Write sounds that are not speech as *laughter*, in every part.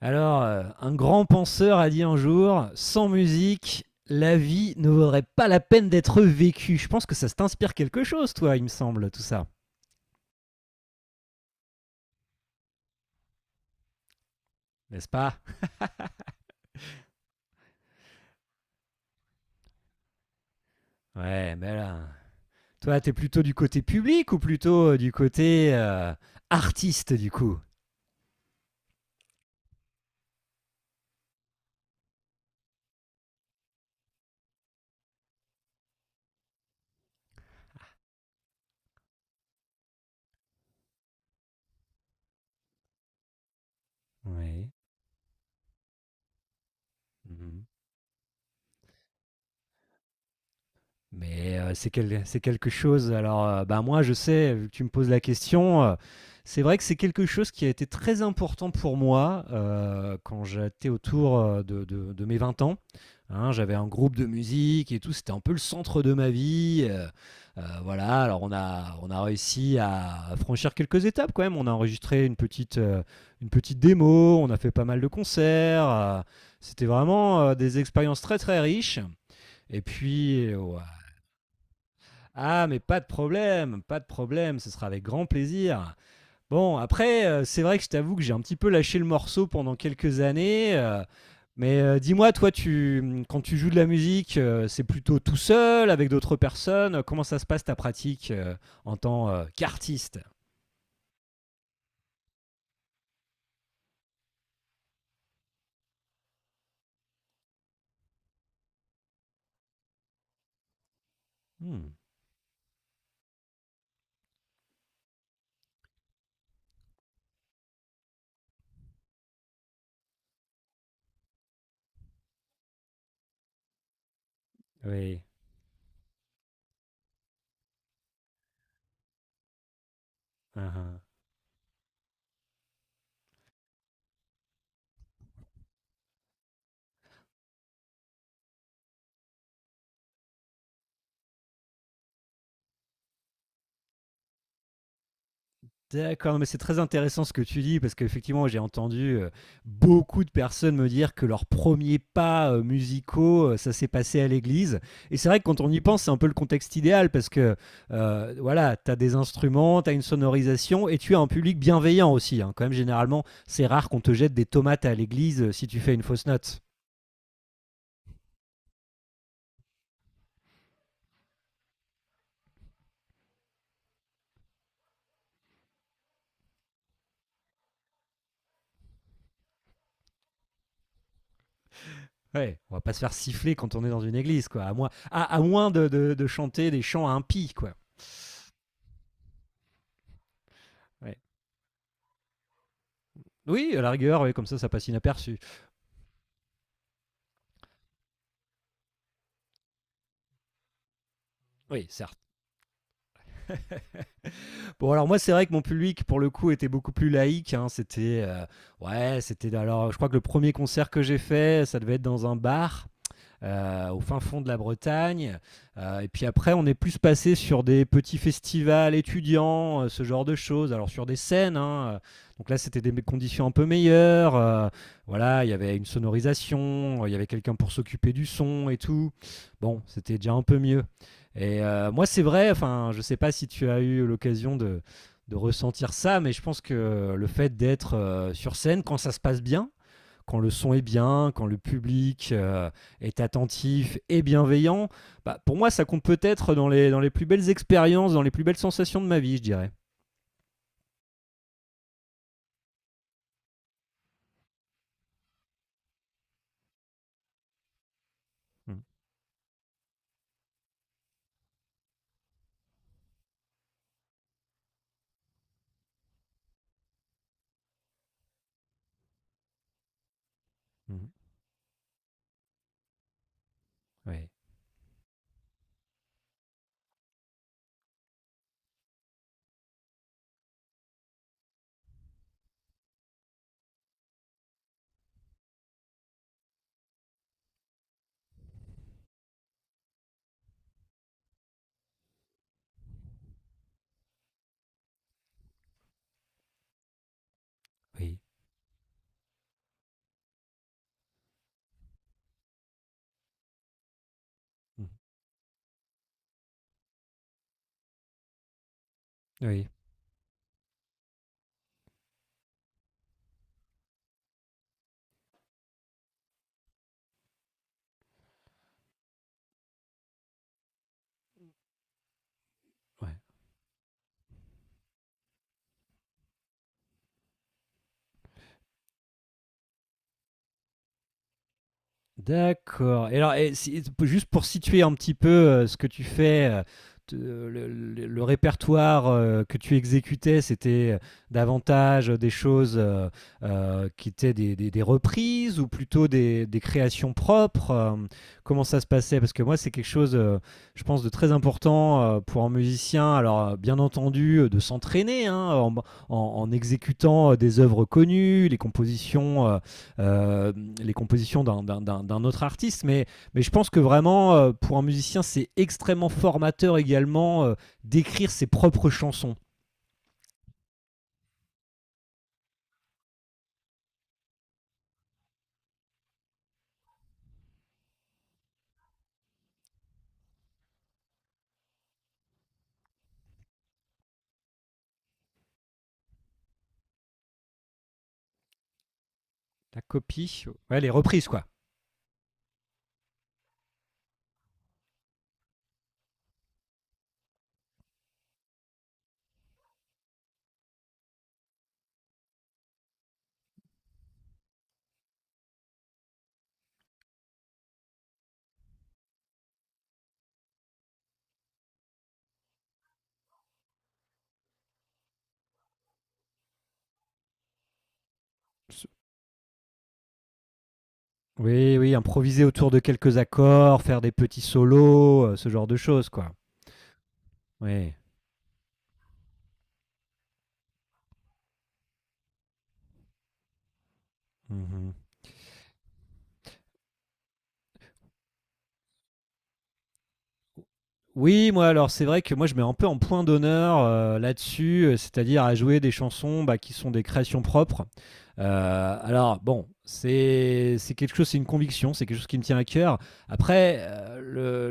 Alors, un grand penseur a dit un jour, sans musique, la vie ne vaudrait pas la peine d'être vécue. Je pense que ça t'inspire quelque chose, toi, il me semble, tout ça. N'est-ce pas? Ouais, mais là. Toi, t'es plutôt du côté public ou plutôt du côté artiste, du coup? Oui. Mhm. Mais c'est quelque chose alors, bah, moi je sais, vu que tu me poses la question, c'est vrai que c'est quelque chose qui a été très important pour moi, quand j'étais autour, de mes 20 ans, hein. J'avais un groupe de musique et tout, c'était un peu le centre de ma vie. Voilà. Alors on a réussi à franchir quelques étapes quand même. On a enregistré une petite démo, on a fait pas mal de concerts, c'était vraiment, des expériences très, très riches et puis, ouais. Ah, mais pas de problème, pas de problème, ce sera avec grand plaisir. Bon, après, c'est vrai que je t'avoue que j'ai un petit peu lâché le morceau pendant quelques années. Mais dis-moi, toi, quand tu joues de la musique, c'est plutôt tout seul, avec d'autres personnes. Comment ça se passe ta pratique en tant qu'artiste? Hmm. Oui. Uhum. D'accord, mais c'est très intéressant ce que tu dis parce qu'effectivement, j'ai entendu beaucoup de personnes me dire que leurs premiers pas musicaux, ça s'est passé à l'église. Et c'est vrai que quand on y pense, c'est un peu le contexte idéal parce que voilà, tu as des instruments, tu as une sonorisation et tu as un public bienveillant aussi, hein. Quand même, généralement, c'est rare qu'on te jette des tomates à l'église si tu fais une fausse note. Ouais, on va pas se faire siffler quand on est dans une église, quoi. À moins de chanter des chants impies, quoi. Ouais. Oui, à la rigueur, ouais, comme ça passe inaperçu. Oui, certes. *laughs* Bon, alors moi, c'est vrai que mon public, pour le coup, était beaucoup plus laïque, hein. C'était, ouais, c'était. Alors, je crois que le premier concert que j'ai fait, ça devait être dans un bar au fin fond de la Bretagne. Et puis après, on est plus passé sur des petits festivals étudiants, ce genre de choses. Alors sur des scènes, hein, donc là c'était des conditions un peu meilleures. Voilà, il y avait une sonorisation, il y avait quelqu'un pour s'occuper du son et tout. Bon, c'était déjà un peu mieux. Et moi, c'est vrai, enfin, je sais pas si tu as eu l'occasion de ressentir ça, mais je pense que le fait d'être sur scène quand ça se passe bien, quand le son est bien, quand le public est attentif et bienveillant, bah, pour moi, ça compte peut-être dans les, plus belles expériences, dans les plus belles sensations de ma vie, je dirais. Mm. Mm. Oui, oui. Mm. Oui. Ouais. D'accord. Et alors, juste pour situer un petit peu ce que tu fais, le répertoire que tu exécutais, c'était davantage des choses qui étaient des reprises ou plutôt des créations propres. Comment ça se passait? Parce que moi, c'est quelque chose, je pense, de très important pour un musicien. Alors, bien entendu, de s'entraîner, hein, en exécutant des œuvres connues, les compositions. Euh, les compositions d'un autre artiste. Mais, je pense que vraiment, pour un musicien, c'est extrêmement formateur également d'écrire ses propres chansons. La copie, ouais, les reprises, quoi. Oui, oui, improviser autour de quelques accords, faire des petits solos, ce genre de choses, quoi. Oui. Mhm. Oui, moi, alors c'est vrai que moi je mets un peu en point d'honneur là-dessus, c'est-à-dire à jouer des chansons, bah, qui sont des créations propres. Alors bon, c'est quelque chose, c'est une conviction, c'est quelque chose qui me tient à cœur. Après,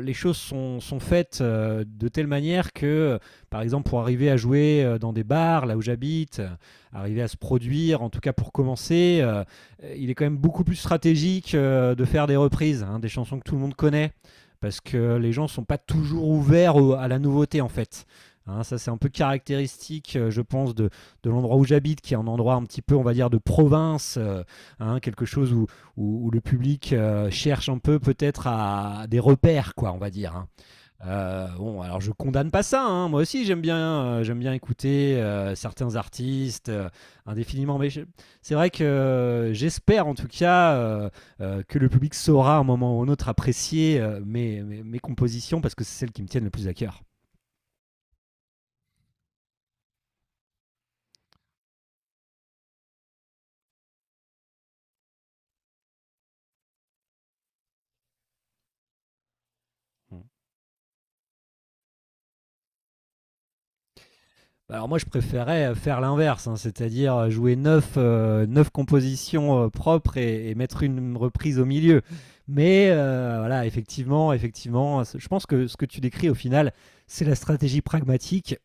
les choses sont faites de telle manière que, par exemple, pour arriver à jouer dans des bars, là où j'habite, arriver à se produire, en tout cas pour commencer, il est quand même beaucoup plus stratégique de faire des reprises, hein, des chansons que tout le monde connaît parce que les gens ne sont pas toujours ouverts à la nouveauté en fait. Hein, ça c'est un peu caractéristique, je pense, de l'endroit où j'habite, qui est un endroit un petit peu, on va dire, de province, hein, quelque chose où le public cherche un peu peut-être à des repères, quoi, on va dire, hein. Bon, alors je condamne pas ça, hein. Moi aussi, j'aime bien écouter certains artistes indéfiniment. Mais c'est vrai que j'espère, en tout cas, que le public saura à un moment ou un autre apprécier mes, compositions parce que c'est celles qui me tiennent le plus à cœur. Mm. Bah, alors moi je préférais faire l'inverse, hein, c'est-à-dire jouer neuf, compositions propres mettre une reprise au milieu. Mais voilà, effectivement, effectivement, je pense que ce que tu décris au final, c'est la stratégie pragmatique,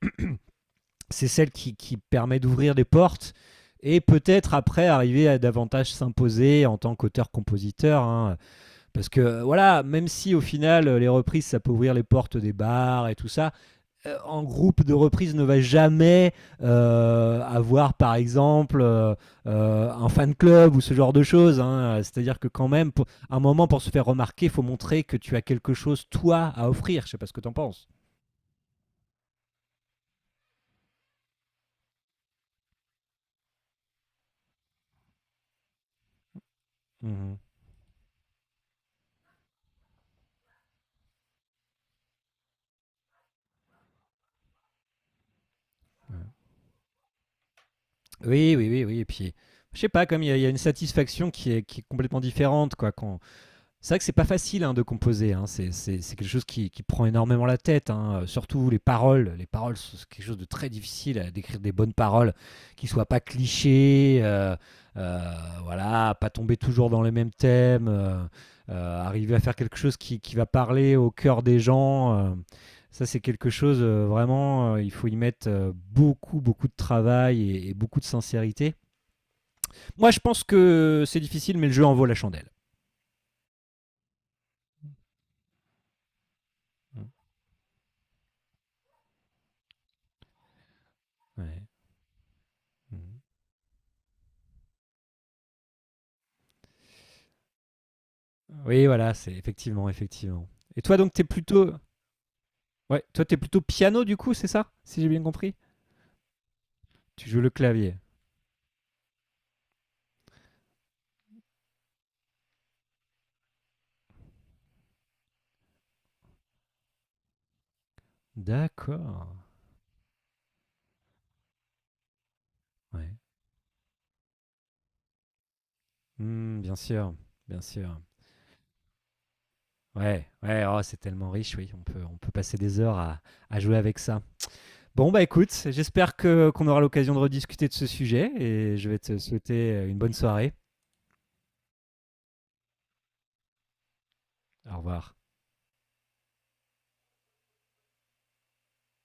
c'est celle qui permet d'ouvrir des portes et peut-être après arriver à davantage s'imposer en tant qu'auteur-compositeur, hein. Parce que voilà, même si au final les reprises ça peut ouvrir les portes des bars et tout ça, en groupe de reprise ne va jamais avoir, par exemple, un fan club ou ce genre de choses, hein. C'est-à-dire que quand même, pour, à un moment, pour se faire remarquer, il faut montrer que tu as quelque chose, toi, à offrir. Je sais pas ce que tu en penses. Mmh. Oui, oui, oui, oui. Et puis, je sais pas, comme y a une satisfaction qui est, complètement différente, quoi, quand... C'est vrai que c'est pas facile, hein, de composer, hein. C'est quelque chose qui prend énormément la tête, hein. Surtout les paroles. Les paroles, c'est quelque chose de très difficile à d'écrire des bonnes paroles qui soient pas clichés. Euh, voilà, pas tomber toujours dans les mêmes thèmes. Arriver à faire quelque chose qui va parler au cœur des gens. Ça, c'est quelque chose, vraiment. Il faut y mettre beaucoup, beaucoup de travail et beaucoup de sincérité. Moi, je pense que c'est difficile, mais le jeu en vaut la chandelle. Mmh. Ouais. Mhm. Oui, voilà, c'est effectivement, effectivement. Et toi, donc, t'es plutôt, ouais, toi, t'es plutôt piano du coup, c'est ça, si j'ai bien compris? Tu joues le clavier. D'accord. Ouais. Hmm, bien sûr, bien sûr. Ouais, ouais. Oh, c'est tellement riche, oui. On peut passer des heures à, jouer avec ça. Bon, bah écoute, j'espère que qu'on aura l'occasion de rediscuter de ce sujet et je vais te souhaiter une bonne soirée. Au revoir.